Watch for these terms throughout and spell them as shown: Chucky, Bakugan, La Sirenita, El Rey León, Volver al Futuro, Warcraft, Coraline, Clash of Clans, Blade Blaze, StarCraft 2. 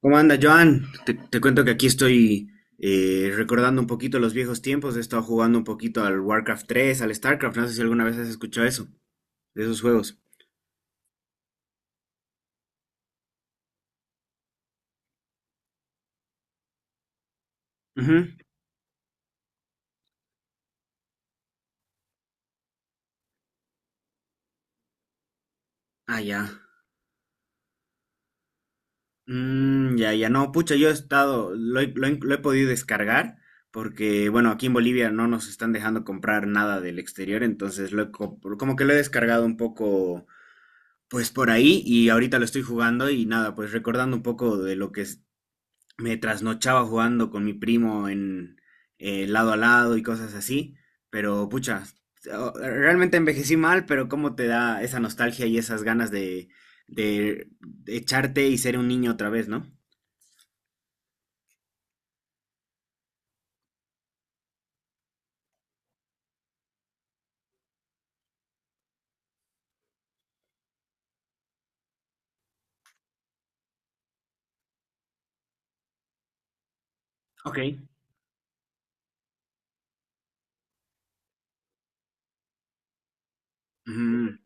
¿Cómo anda, Joan? Te cuento que aquí estoy recordando un poquito los viejos tiempos. He estado jugando un poquito al Warcraft tres, al StarCraft. No sé si alguna vez has escuchado eso, de esos juegos. Ujú. Ah, ya. Mm, ya, ya. No, pucha, yo he estado, lo he podido descargar porque, bueno, aquí en Bolivia no nos están dejando comprar nada del exterior, entonces como que lo he descargado un poco, pues por ahí y ahorita lo estoy jugando y nada, pues recordando un poco de lo que me trasnochaba jugando con mi primo en lado a lado y cosas así, pero pucha, realmente envejecí mal, pero cómo te da esa nostalgia y esas ganas de, de echarte y ser un niño otra vez, ¿no? Ok. Ujú.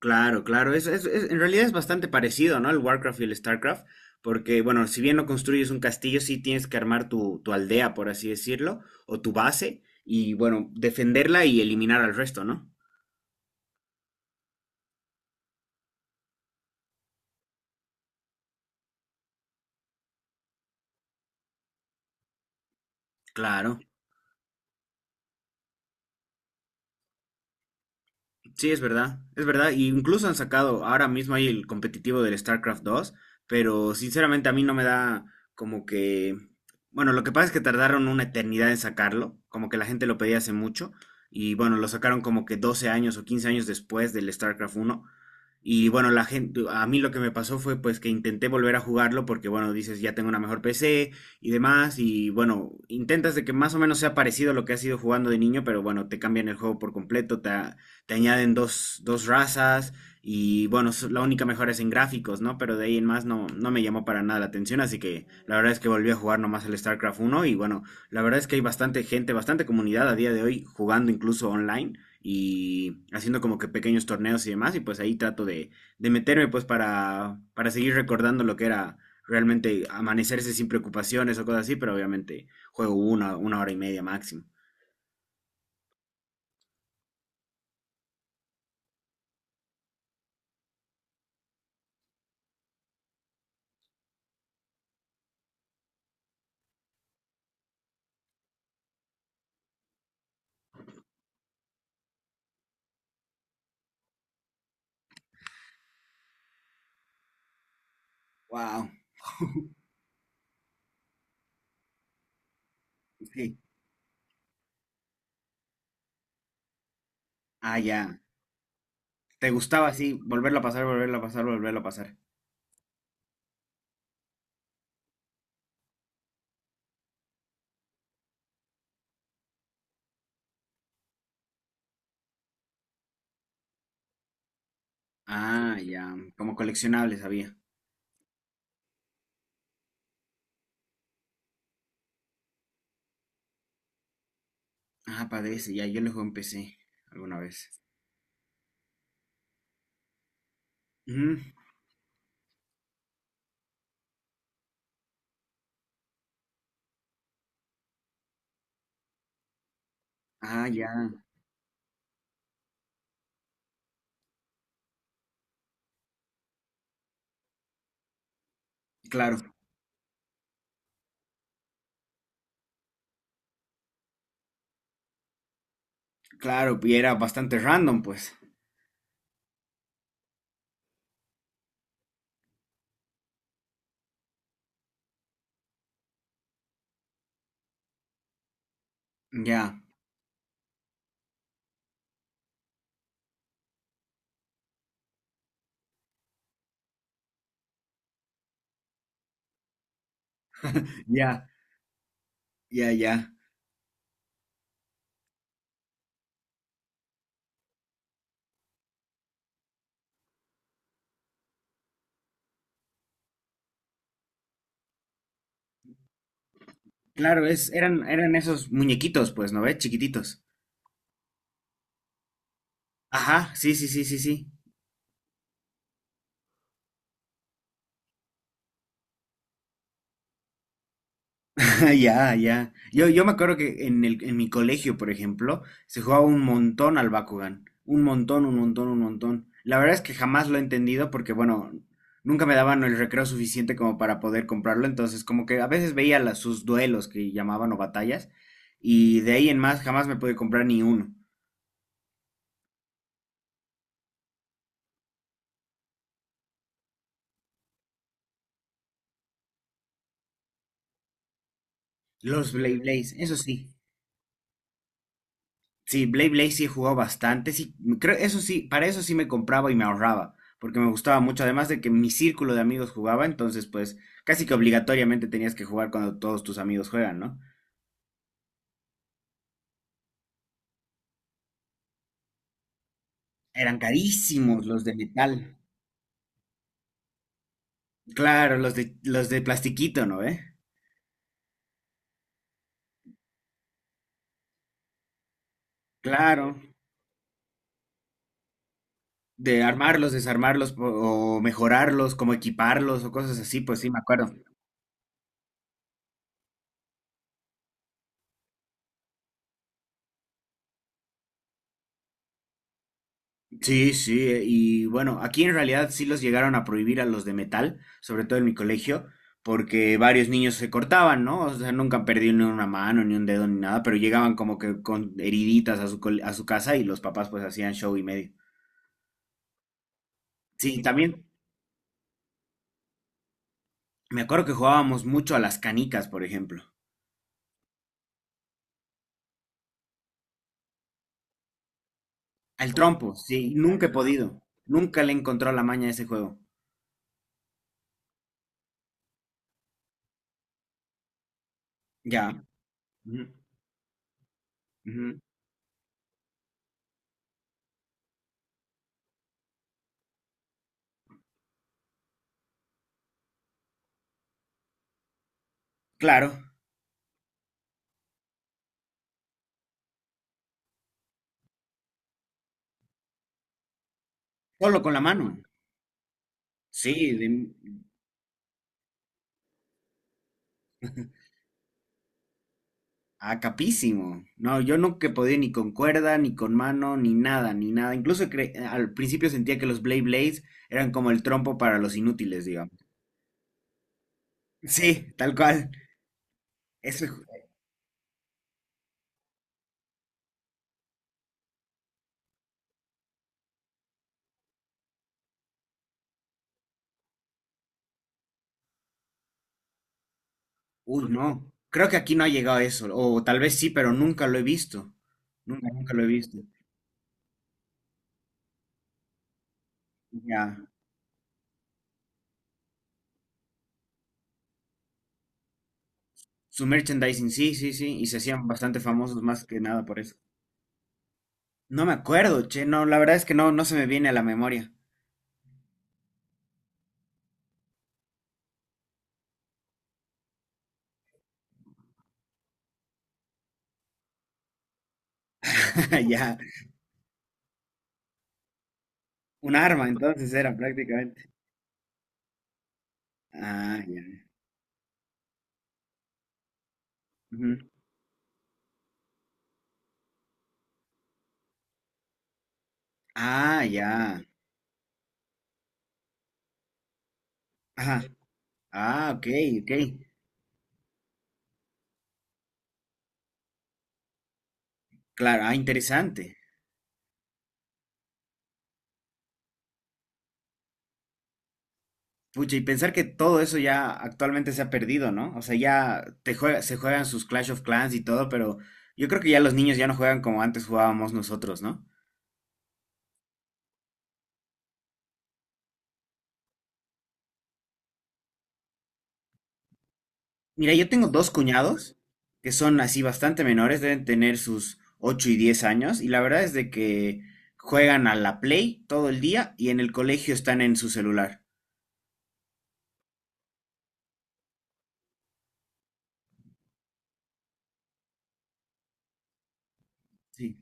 Claro, claro, en realidad es bastante parecido, ¿no? El Warcraft y el Starcraft, porque, bueno, si bien no construyes un castillo, sí tienes que armar tu, aldea, por así decirlo, o tu base, y, bueno, defenderla y eliminar al resto, ¿no? Claro. Sí, es verdad, es verdad. Y incluso han sacado, ahora mismo hay el competitivo del StarCraft 2, pero sinceramente a mí no me da como que... Bueno, lo que pasa es que tardaron una eternidad en sacarlo, como que la gente lo pedía hace mucho, y bueno, lo sacaron como que 12 años o 15 años después del StarCraft uno. Y bueno, la gente, a mí lo que me pasó fue pues que intenté volver a jugarlo porque bueno, dices ya tengo una mejor PC y demás y bueno, intentas de que más o menos sea parecido a lo que has ido jugando de niño, pero bueno, te cambian el juego por completo, te añaden dos, razas y bueno, la única mejora es en gráficos, ¿no? Pero de ahí en más no, no me llamó para nada la atención, así que la verdad es que volví a jugar nomás el StarCraft uno y bueno, la verdad es que hay bastante gente, bastante comunidad a día de hoy jugando incluso online y haciendo como que pequeños torneos y demás y pues ahí trato de, meterme pues para seguir recordando lo que era realmente amanecerse sin preocupaciones o cosas así, pero obviamente juego una hora y media máximo. Wow, sí. Ah, ya. Te gustaba así, volverlo a pasar, volverlo a pasar, volverlo a pasar. Ah, ya, como coleccionable sabía. Ah, padre, ese, ya, yo lo jugué luego empecé alguna vez. Ujú. Ah, ya, claro, claro, y era bastante random, pues. Ya, ya, ya, ya. Claro, eran esos muñequitos, pues, ¿no ves? Chiquititos. Ajá, sí, sí, sí, sí, sí. Ya, ya. Yo me acuerdo que en mi colegio, por ejemplo, se jugaba un montón al Bakugan. Un montón, un montón, un montón. La verdad es que jamás lo he entendido porque, bueno, nunca me daban el recreo suficiente como para poder comprarlo. Entonces, como que a veces veía sus duelos que llamaban o batallas. Y de ahí en más jamás me pude comprar ni uno. Los Blade Blaze, eso sí. Sí, Blade Blade sí he jugado bastante, sí, creo, eso sí, para eso sí me compraba y me ahorraba, porque me gustaba mucho, además de que mi círculo de amigos jugaba, entonces pues casi que obligatoriamente tenías que jugar cuando todos tus amigos juegan, ¿no? Eran carísimos los de metal. Claro, los de plastiquito, ¿no? ¿Eh? Claro, de armarlos, desarmarlos o mejorarlos, como equiparlos o cosas así, pues sí me acuerdo. Sí, sí, y bueno, aquí en realidad sí los llegaron a prohibir a los de metal, sobre todo en mi colegio, porque varios niños se cortaban, ¿no? O sea, nunca han perdido ni una mano, ni un dedo, ni nada, pero llegaban como que con heriditas a su casa y los papás pues hacían show y medio. Sí, también me acuerdo que jugábamos mucho a las canicas, por ejemplo. Al trompo, sí, nunca he podido. Nunca le encontró la maña a ese juego. Ya. Ujú, ujú. Claro, solo con la mano. Sí. Ah, capísimo. No, yo nunca he podido ni con cuerda, ni con mano, ni nada, ni nada. Incluso al principio sentía que los Blade Blades eran como el trompo para los inútiles, digamos. Sí, tal cual. eso ju- Uy, no. Creo que aquí no ha llegado eso. O tal vez sí, pero nunca lo he visto. Nunca, nunca lo he visto. Ya. Su merchandising, sí, sí, sí. Y se hacían bastante famosos más que nada por eso. No me acuerdo, che. No, la verdad es que no, no se me viene a la memoria. Ya. Un arma, entonces era prácticamente. Ah, ya. Ujú. Ah, ya. Ajá. Ah, ok, ok. Claro, ah, interesante. Pucha, y pensar que todo eso ya actualmente se ha perdido, ¿no? O sea, ya se juegan sus Clash of Clans y todo, pero yo creo que ya los niños ya no juegan como antes jugábamos nosotros, ¿no? Mira, yo tengo dos cuñados que son así bastante menores, deben tener sus 8 y 10 años, y la verdad es de que juegan a la Play todo el día y en el colegio están en su celular. Sí.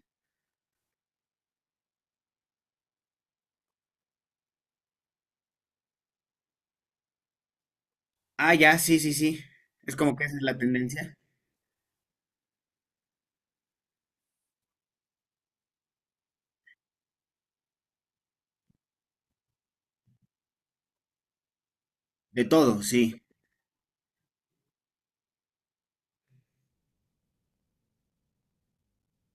Ah, ya, sí, sí, sí. Es como que esa es la tendencia. De todo, sí.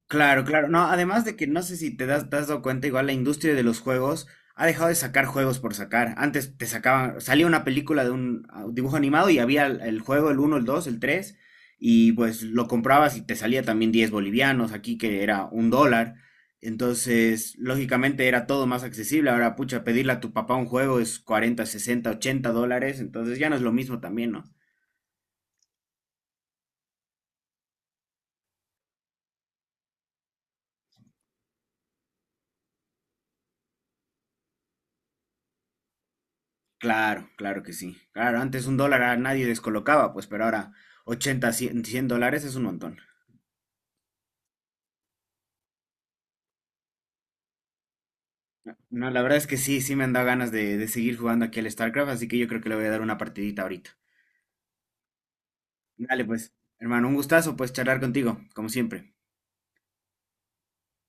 Claro, claro. No, además de que no sé si te has dado cuenta, igual la industria de los juegos ha dejado de sacar juegos por sacar. Antes te sacaban, salía una película de un dibujo animado y había el juego, el uno, el 2, el 3 y pues lo comprabas y te salía también 10 bolivianos, aquí que era un dólar. Entonces, lógicamente era todo más accesible. Ahora, pucha, pedirle a tu papá un juego es 40, 60, 80 dólares. Entonces ya no es lo mismo también, ¿no? Claro, claro que sí. Claro, antes un dólar a nadie descolocaba, pues, pero ahora 80 100 100 dólares es un montón. No, la verdad es que sí, sí me han dado ganas de, seguir jugando aquí al StarCraft, así que yo creo que le voy a dar una partidita ahorita. Dale, pues, hermano, un gustazo, pues, charlar contigo, como siempre.